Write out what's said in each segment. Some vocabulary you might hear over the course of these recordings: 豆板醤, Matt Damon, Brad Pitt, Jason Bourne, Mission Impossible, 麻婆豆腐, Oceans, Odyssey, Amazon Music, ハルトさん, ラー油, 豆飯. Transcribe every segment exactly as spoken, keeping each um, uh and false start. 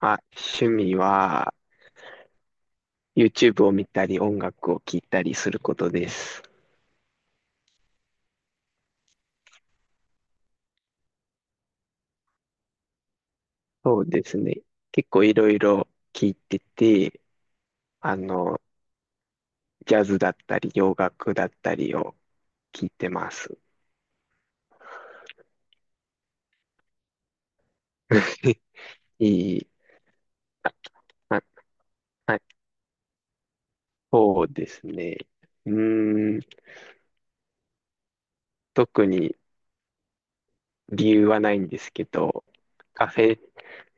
まあ、趣味は YouTube を見たり音楽を聴いたりすることです。そうですね。結構いろいろ聴いてて、あの、ジャズだったり洋楽だったりを聴いてます。いい。あ、あはい、そうですね。うーん。特に理由はないんですけど、カフェ、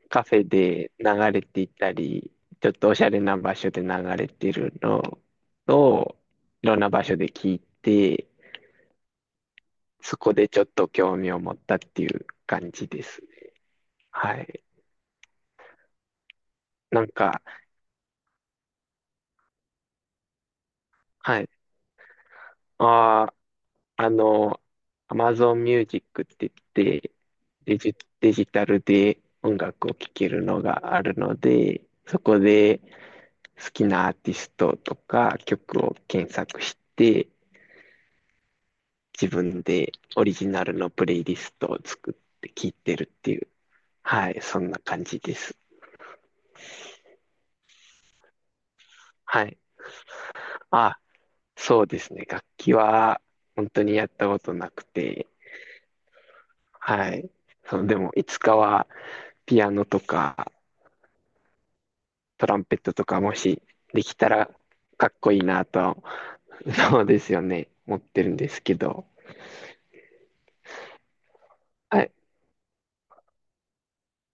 カフェで流れていたり、ちょっとおしゃれな場所で流れてるのを、いろんな場所で聞いて、そこでちょっと興味を持ったっていう感じですね。はい。なんか、はい。ああ、あの、Amazon Music って言って、デジ、デジタルで音楽を聴けるのがあるので、そこで好きなアーティストとか曲を検索して、自分でオリジナルのプレイリストを作って聴いてるっていう、はい、そんな感じです。はい。あ、そうですね。楽器は本当にやったことなくて、はい。その、でも、いつかは、ピアノとか、トランペットとか、もしできたら、かっこいいなと、そうですよね、思ってるんですけど。はい。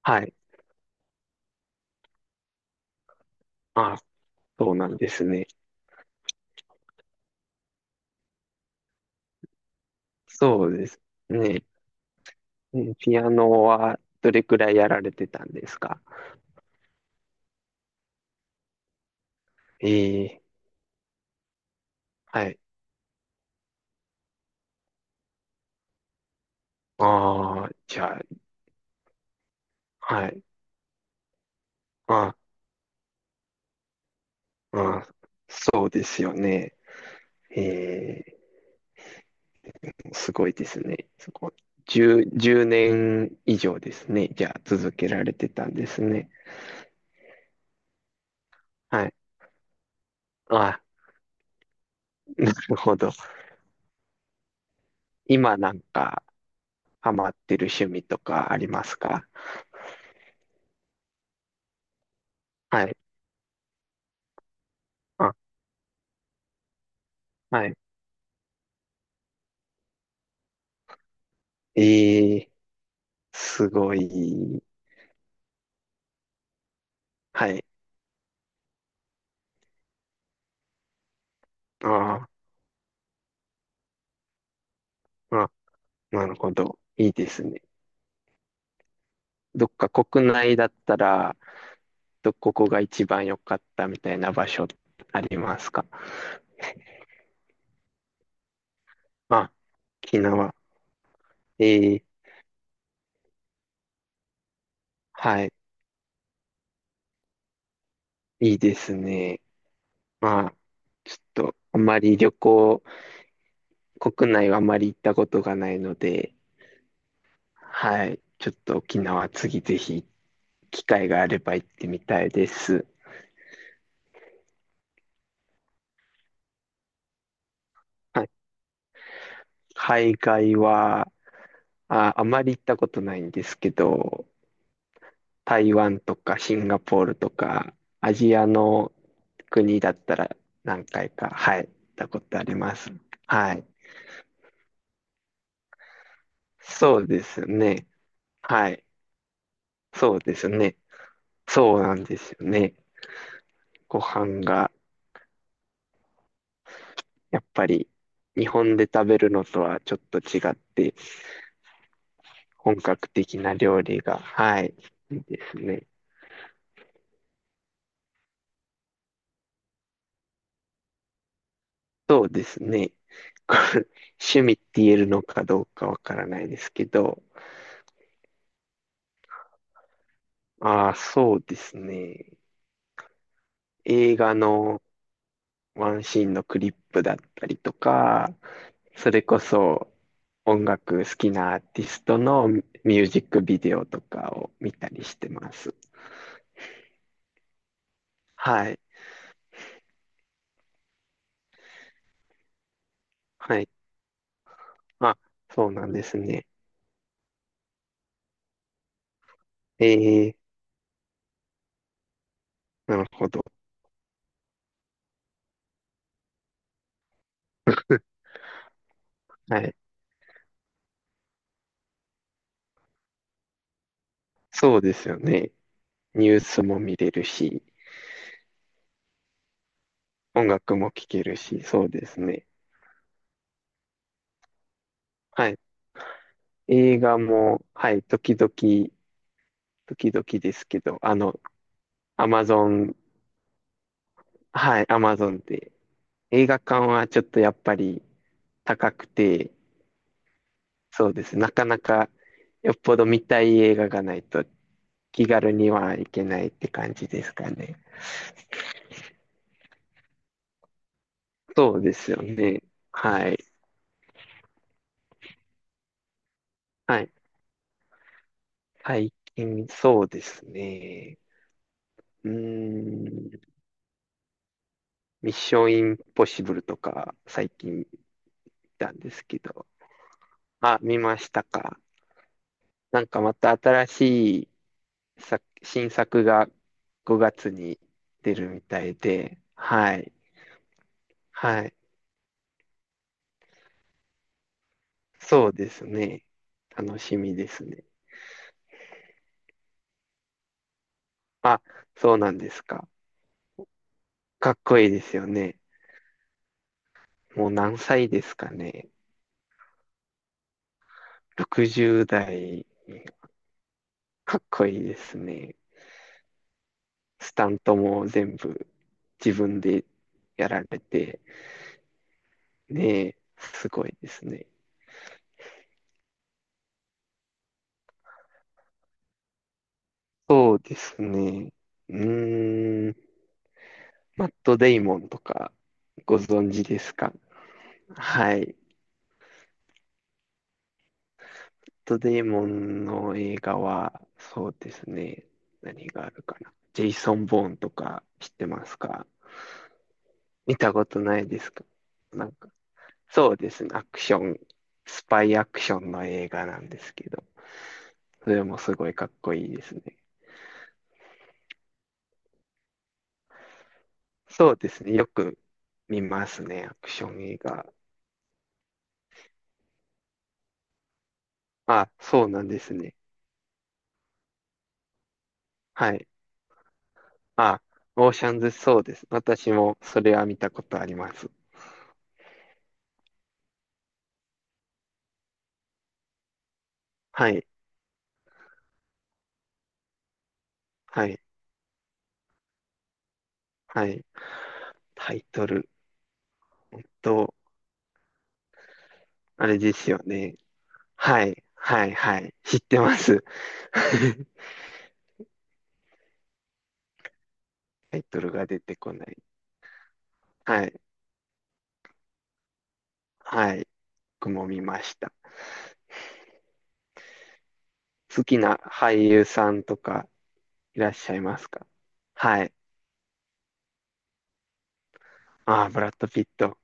はい。あ、そうなんですね。そうですね。うん、ピアノは、どれくらいやられてたんですか？ええ、はい。ああ、じゃあ、はい。あ、あ、そうですよね。ええ、すごいですね。そこ、じゅう年以上ですね。じゃあ、続けられてたんですね。はい。あ、なるほど。今なんか、ハマってる趣味とかありますか？はい。あ、はい。ええ、すごい。はい。あーあ、なるほど。いいですね。どっか国内だったら、ど、ここが一番良かったみたいな場所ありますか？あ、沖縄。ええ、はい。いいですね。まあ、ちょっと、あまり旅行、国内はあまり行ったことがないので、はい。ちょっと沖縄次ぜひ、機会があれば行ってみたいです。はい。海外は、あ、あまり行ったことないんですけど、台湾とかシンガポールとか、アジアの国だったら何回か、はい、行ったことあります。はい。そうですね。はい。そうですね。そうなんですよね。ご飯がやっぱり日本で食べるのとはちょっと違って本格的な料理が、はい、いいですね。そうですね。これ趣味って言えるのかどうかわからないですけど、ああ、そうですね。映画のワンシーンのクリップだったりとか、それこそ音楽好きなアーティストのミュージックビデオとかを見たりしてます。はい。はい。あ、そうなんですね。ええ、なるほど。はい。そうですよね。ニュースも見れるし、音楽も聴けるし、そうですね。はい。映画も、はい、時々、時々ですけど、あの、アマゾン、はい、アマゾンで。映画館はちょっとやっぱり高くて、そうです。なかなかよっぽど見たい映画がないと気軽にはいけないって感じですかね。そうですよね。はい。はい。最近、そうですね。うーん。ミッションインポッシブルとか、最近見たんですけど。あ、見ましたか？なんかまた新しい作、新作がごがつに出るみたいで。はい。はい。そうですね。楽しみですね。あ、そうなんですか？かっこいいですよね。もう何歳ですかね。ろくじゅう代、かっこいいですね。スタントも全部自分でやられて、ねえ、すごいですね。そうですね。うーん、マット・デイモンとかご存知ですか？はい。マット・デイモンの映画は、そうですね。何があるかな。ジェイソン・ボーンとか知ってますか？見たことないですか？なんか、そうですね。アクション、スパイアクションの映画なんですけど、それもすごいかっこいいですね。そうですね。よく見ますね。アクション映画。あ、そうなんですね。はい。あ、オーシャンズ、そうです。私もそれは見たことあります。はい。はい。はい。タイトルと、あれですよね。はい。はい。はい。知ってます。タイトルが出てこない。はい。はい。僕も見ました。好きな俳優さんとかいらっしゃいますか？はい。ああ、ブラッド・ピット。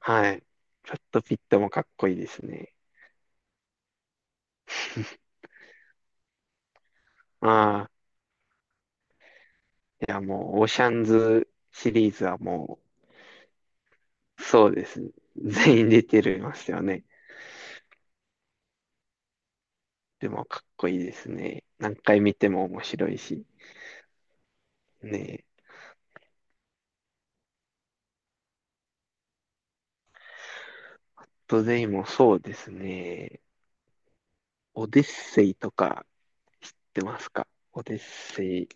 はい。ブラッド・ピットもかっこいいですね。ああ、いやもう、オーシャンズシリーズはもう、そうですね。全員出てるますよね。でもかっこいいですね。何回見ても面白いし。ねえ。トデイもそうですね。オデッセイとか知ってますか？オデッセイ。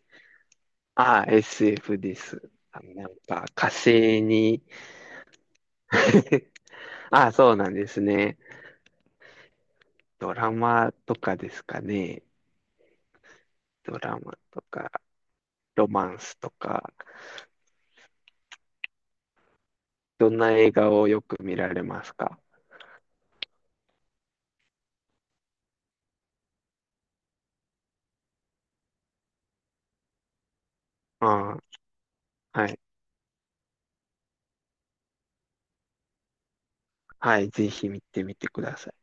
ああ、エスエフ です。あのなんか火星に ああ、そうなんですね。ドラマとかですかね。ドラマとか、ロマンスとか、どんな映画をよく見られますか？ああ、はい。はい、ぜひ見てみてください。